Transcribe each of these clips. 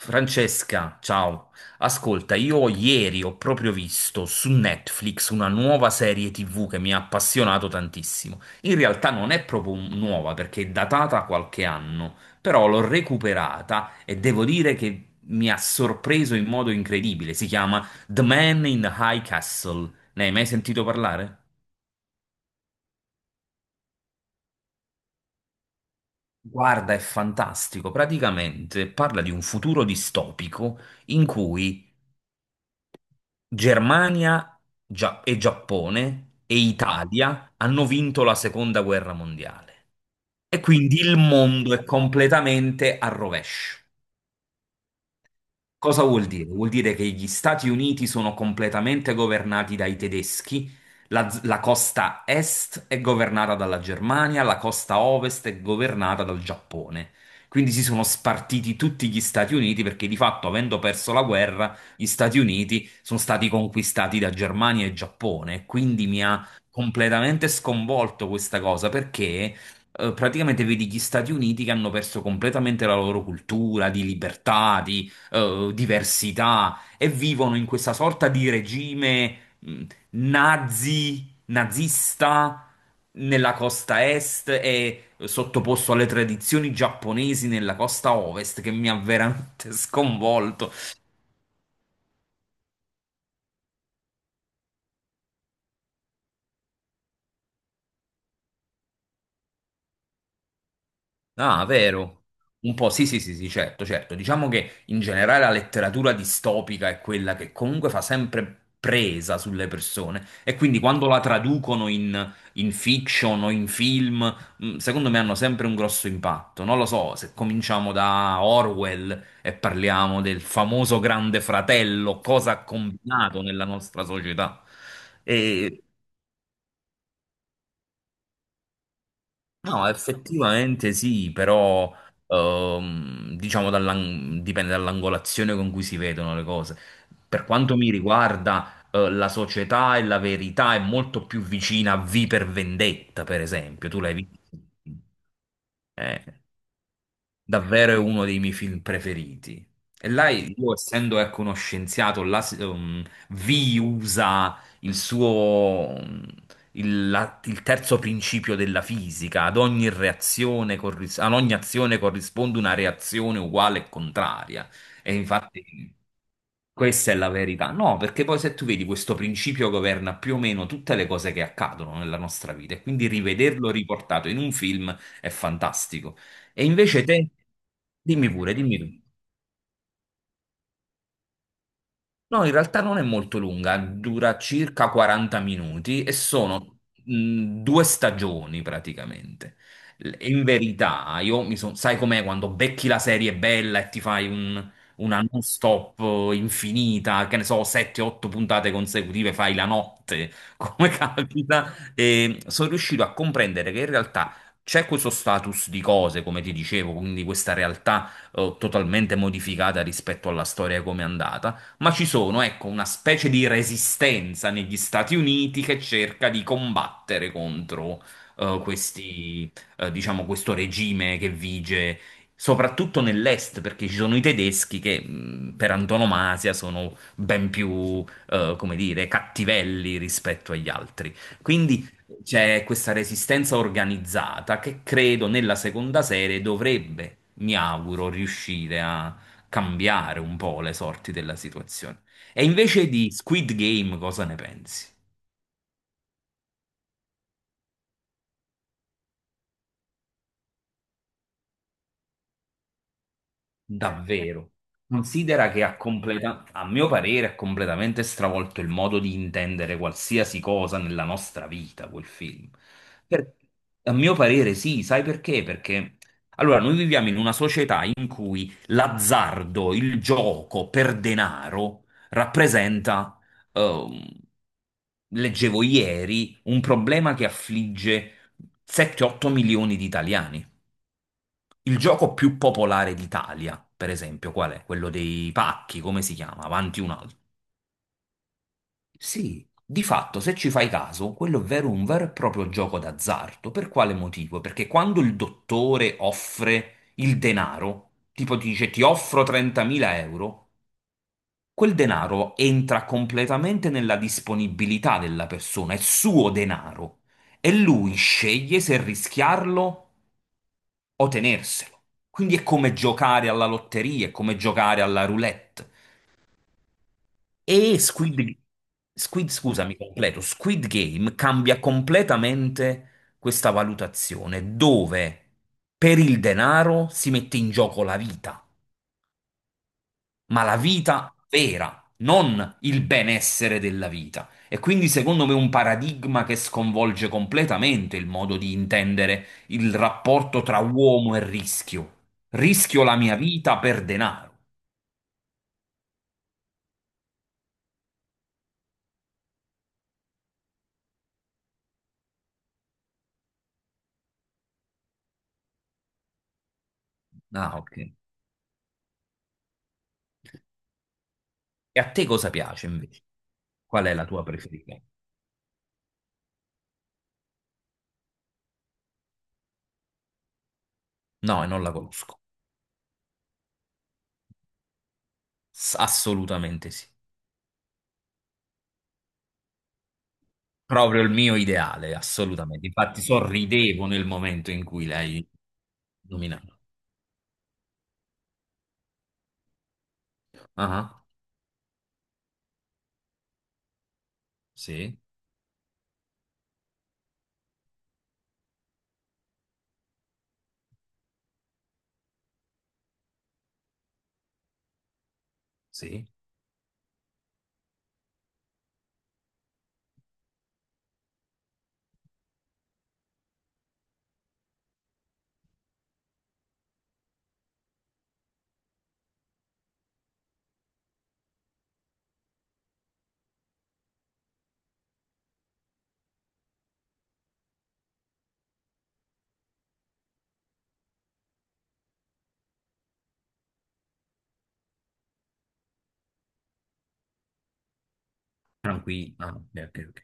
Francesca, ciao. Ascolta, io ieri ho proprio visto su Netflix una nuova serie TV che mi ha appassionato tantissimo. In realtà non è proprio nuova perché è datata qualche anno, però l'ho recuperata e devo dire che mi ha sorpreso in modo incredibile. Si chiama The Man in the High Castle. Ne hai mai sentito parlare? Guarda, è fantastico. Praticamente parla di un futuro distopico in cui Germania e Giappone e Italia hanno vinto la seconda guerra mondiale. E quindi il mondo è completamente a rovescio. Cosa vuol dire? Vuol dire che gli Stati Uniti sono completamente governati dai tedeschi, la costa est è governata dalla Germania, la costa ovest è governata dal Giappone. Quindi si sono spartiti tutti gli Stati Uniti perché di fatto, avendo perso la guerra, gli Stati Uniti sono stati conquistati da Germania e Giappone. Quindi mi ha completamente sconvolto questa cosa perché praticamente vedi gli Stati Uniti che hanno perso completamente la loro cultura di libertà, di diversità e vivono in questa sorta di regime nazista nella costa est e sottoposto alle tradizioni giapponesi nella costa ovest che mi ha veramente sconvolto. Ah, vero. Un po', sì, sì, sì, sì, certo, certo. Diciamo che in generale la letteratura distopica è quella che comunque fa sempre presa sulle persone e quindi quando la traducono in fiction o in film, secondo me hanno sempre un grosso impatto. Non lo so, se cominciamo da Orwell e parliamo del famoso Grande Fratello, cosa ha combinato nella nostra società. E No, effettivamente sì, però diciamo dipende dall'angolazione con cui si vedono le cose. Per quanto mi riguarda, la società e la verità è molto più vicina a V per Vendetta, per esempio. Tu l'hai visto? Eh Davvero è uno dei miei film preferiti. E là io, essendo ecco, uno scienziato, là, Vi usa il suo, il terzo principio della fisica. Ad ogni ad ogni azione corrisponde una reazione uguale e contraria. E infatti questa è la verità. No, perché poi se tu vedi questo principio governa più o meno tutte le cose che accadono nella nostra vita e quindi rivederlo riportato in un film è fantastico. E invece te, dimmi pure, dimmi tu. No, in realtà non è molto lunga, dura circa 40 minuti e sono due stagioni praticamente. In verità, io sai com'è quando becchi la serie bella e ti fai una non-stop infinita, che ne so, 7-8 puntate consecutive, fai la notte, come capita, e sono riuscito a comprendere che in realtà c'è questo status di cose, come ti dicevo, quindi questa realtà totalmente modificata rispetto alla storia come è andata ma ci sono, ecco, una specie di resistenza negli Stati Uniti che cerca di combattere contro eh, questi, diciamo, questo regime che vige soprattutto nell'est, perché ci sono i tedeschi che per antonomasia sono ben più, come dire, cattivelli rispetto agli altri. Quindi c'è questa resistenza organizzata che credo nella seconda serie dovrebbe, mi auguro, riuscire a cambiare un po' le sorti della situazione. E invece di Squid Game, cosa ne pensi? Davvero. Considera che ha a mio parere, ha completamente stravolto il modo di intendere qualsiasi cosa nella nostra vita, quel film. Per- A mio parere sì, sai perché? Perché allora noi viviamo in una società in cui l'azzardo, il gioco per denaro rappresenta, ehm, leggevo ieri, un problema che affligge 7-8 milioni di italiani. Il gioco più popolare d'Italia, per esempio, qual è? Quello dei pacchi, come si chiama? Avanti un altro. Sì, di fatto, se ci fai caso, quello è vero un vero e proprio gioco d'azzardo. Per quale motivo? Perché quando il dottore offre il denaro, tipo ti dice ti offro 30.000 euro, quel denaro entra completamente nella disponibilità della persona, è suo denaro e lui sceglie se rischiarlo o tenerselo. Quindi è come giocare alla lotteria, è come giocare alla roulette. E Squid, G- Squid, scusami, completo, Squid Game cambia completamente questa valutazione, dove per il denaro si mette in gioco la vita. Ma la vita vera, non il benessere della vita. E quindi secondo me un paradigma che sconvolge completamente il modo di intendere il rapporto tra uomo e rischio. Rischio la mia vita per denaro. Ah, ok. E a te cosa piace invece? Qual è la tua preferita? No, e non la conosco. Assolutamente sì. Proprio il mio ideale, assolutamente. Infatti sorridevo nel momento in cui l'hai nominato. Ah, sì, sì. Tranquillo. Ah, ok, ok, ok.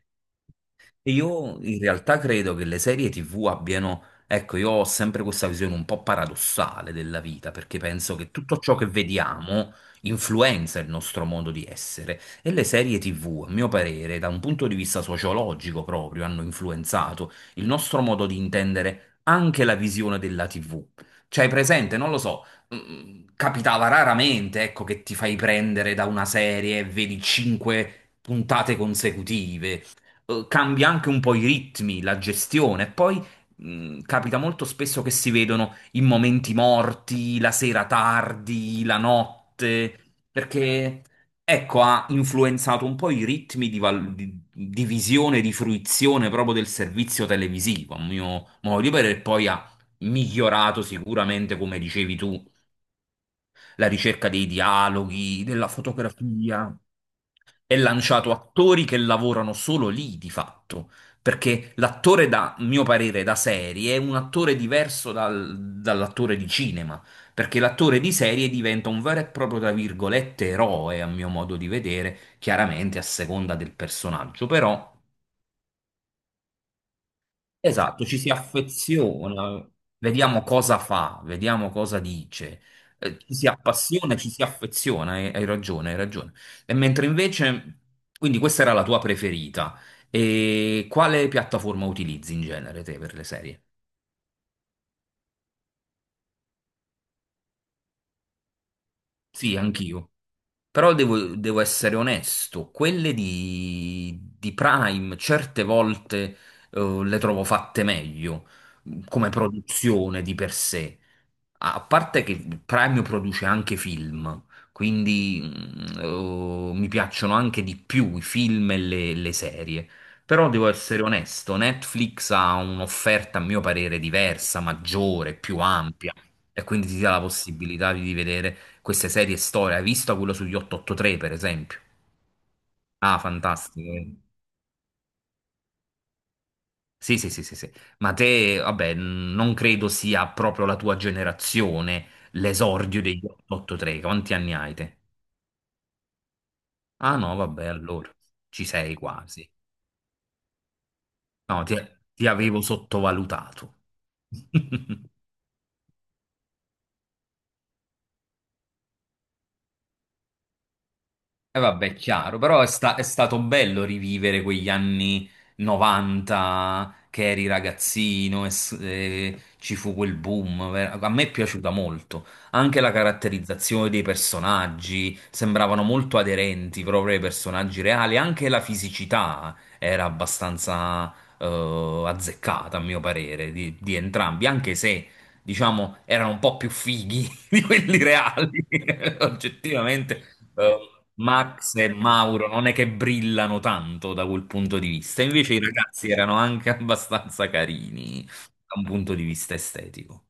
Io in realtà credo che le serie TV abbiano, ecco, io ho sempre questa visione un po' paradossale della vita, perché penso che tutto ciò che vediamo influenza il nostro modo di essere e le serie TV, a mio parere, da un punto di vista sociologico proprio, hanno influenzato il nostro modo di intendere anche la visione della TV. Cioè, presente, non lo so, capitava raramente, ecco, che ti fai prendere da una serie e vedi cinque puntate consecutive cambia anche un po' i ritmi, la gestione. Poi capita molto spesso che si vedono in momenti morti, la sera tardi, la notte, perché ecco, ha influenzato un po' i ritmi di visione, di fruizione proprio del servizio televisivo, a mio modo di vedere, e poi ha migliorato sicuramente, come dicevi tu, la ricerca dei dialoghi, della fotografia è lanciato attori che lavorano solo lì di fatto, perché l'attore da, mio parere, da serie è un attore diverso dall'attore di cinema, perché l'attore di serie diventa un vero e proprio, tra virgolette, eroe, a mio modo di vedere, chiaramente a seconda del personaggio, però Esatto, ci si affeziona, vediamo cosa fa, vediamo cosa dice, ci si appassiona, ci si affeziona, hai ragione, hai ragione. E mentre invece, quindi questa era la tua preferita, e quale piattaforma utilizzi in genere te per le serie? Sì, anch'io. Però devo essere onesto, quelle di Prime certe volte le trovo fatte meglio come produzione di per sé. A parte che Prime produce anche film, quindi mi piacciono anche di più i film e le serie. Però devo essere onesto, Netflix ha un'offerta a mio parere diversa, maggiore, più ampia, e quindi ti dà la possibilità di vedere queste serie storia. Hai visto quello sugli 883, per esempio? Ah, fantastico. Sì, sì, sì, sì, sì. Ma te, vabbè, non credo sia proprio la tua generazione l'esordio degli 883. Quanti anni hai te? Ah no, vabbè, allora ci sei quasi. No, Ti avevo sottovalutato. E vabbè, chiaro, però è, è stato bello rivivere quegli anni 90 che eri ragazzino e ci fu quel boom. A me è piaciuta molto. Anche la caratterizzazione dei personaggi sembravano molto aderenti proprio ai personaggi reali. Anche la fisicità era abbastanza azzeccata, a mio parere, di entrambi, anche se. Diciamo, erano un po' più fighi di quelli reali, oggettivamente eh, Max e Mauro non è che brillano tanto da quel punto di vista, invece i ragazzi erano anche abbastanza carini da un punto di vista estetico.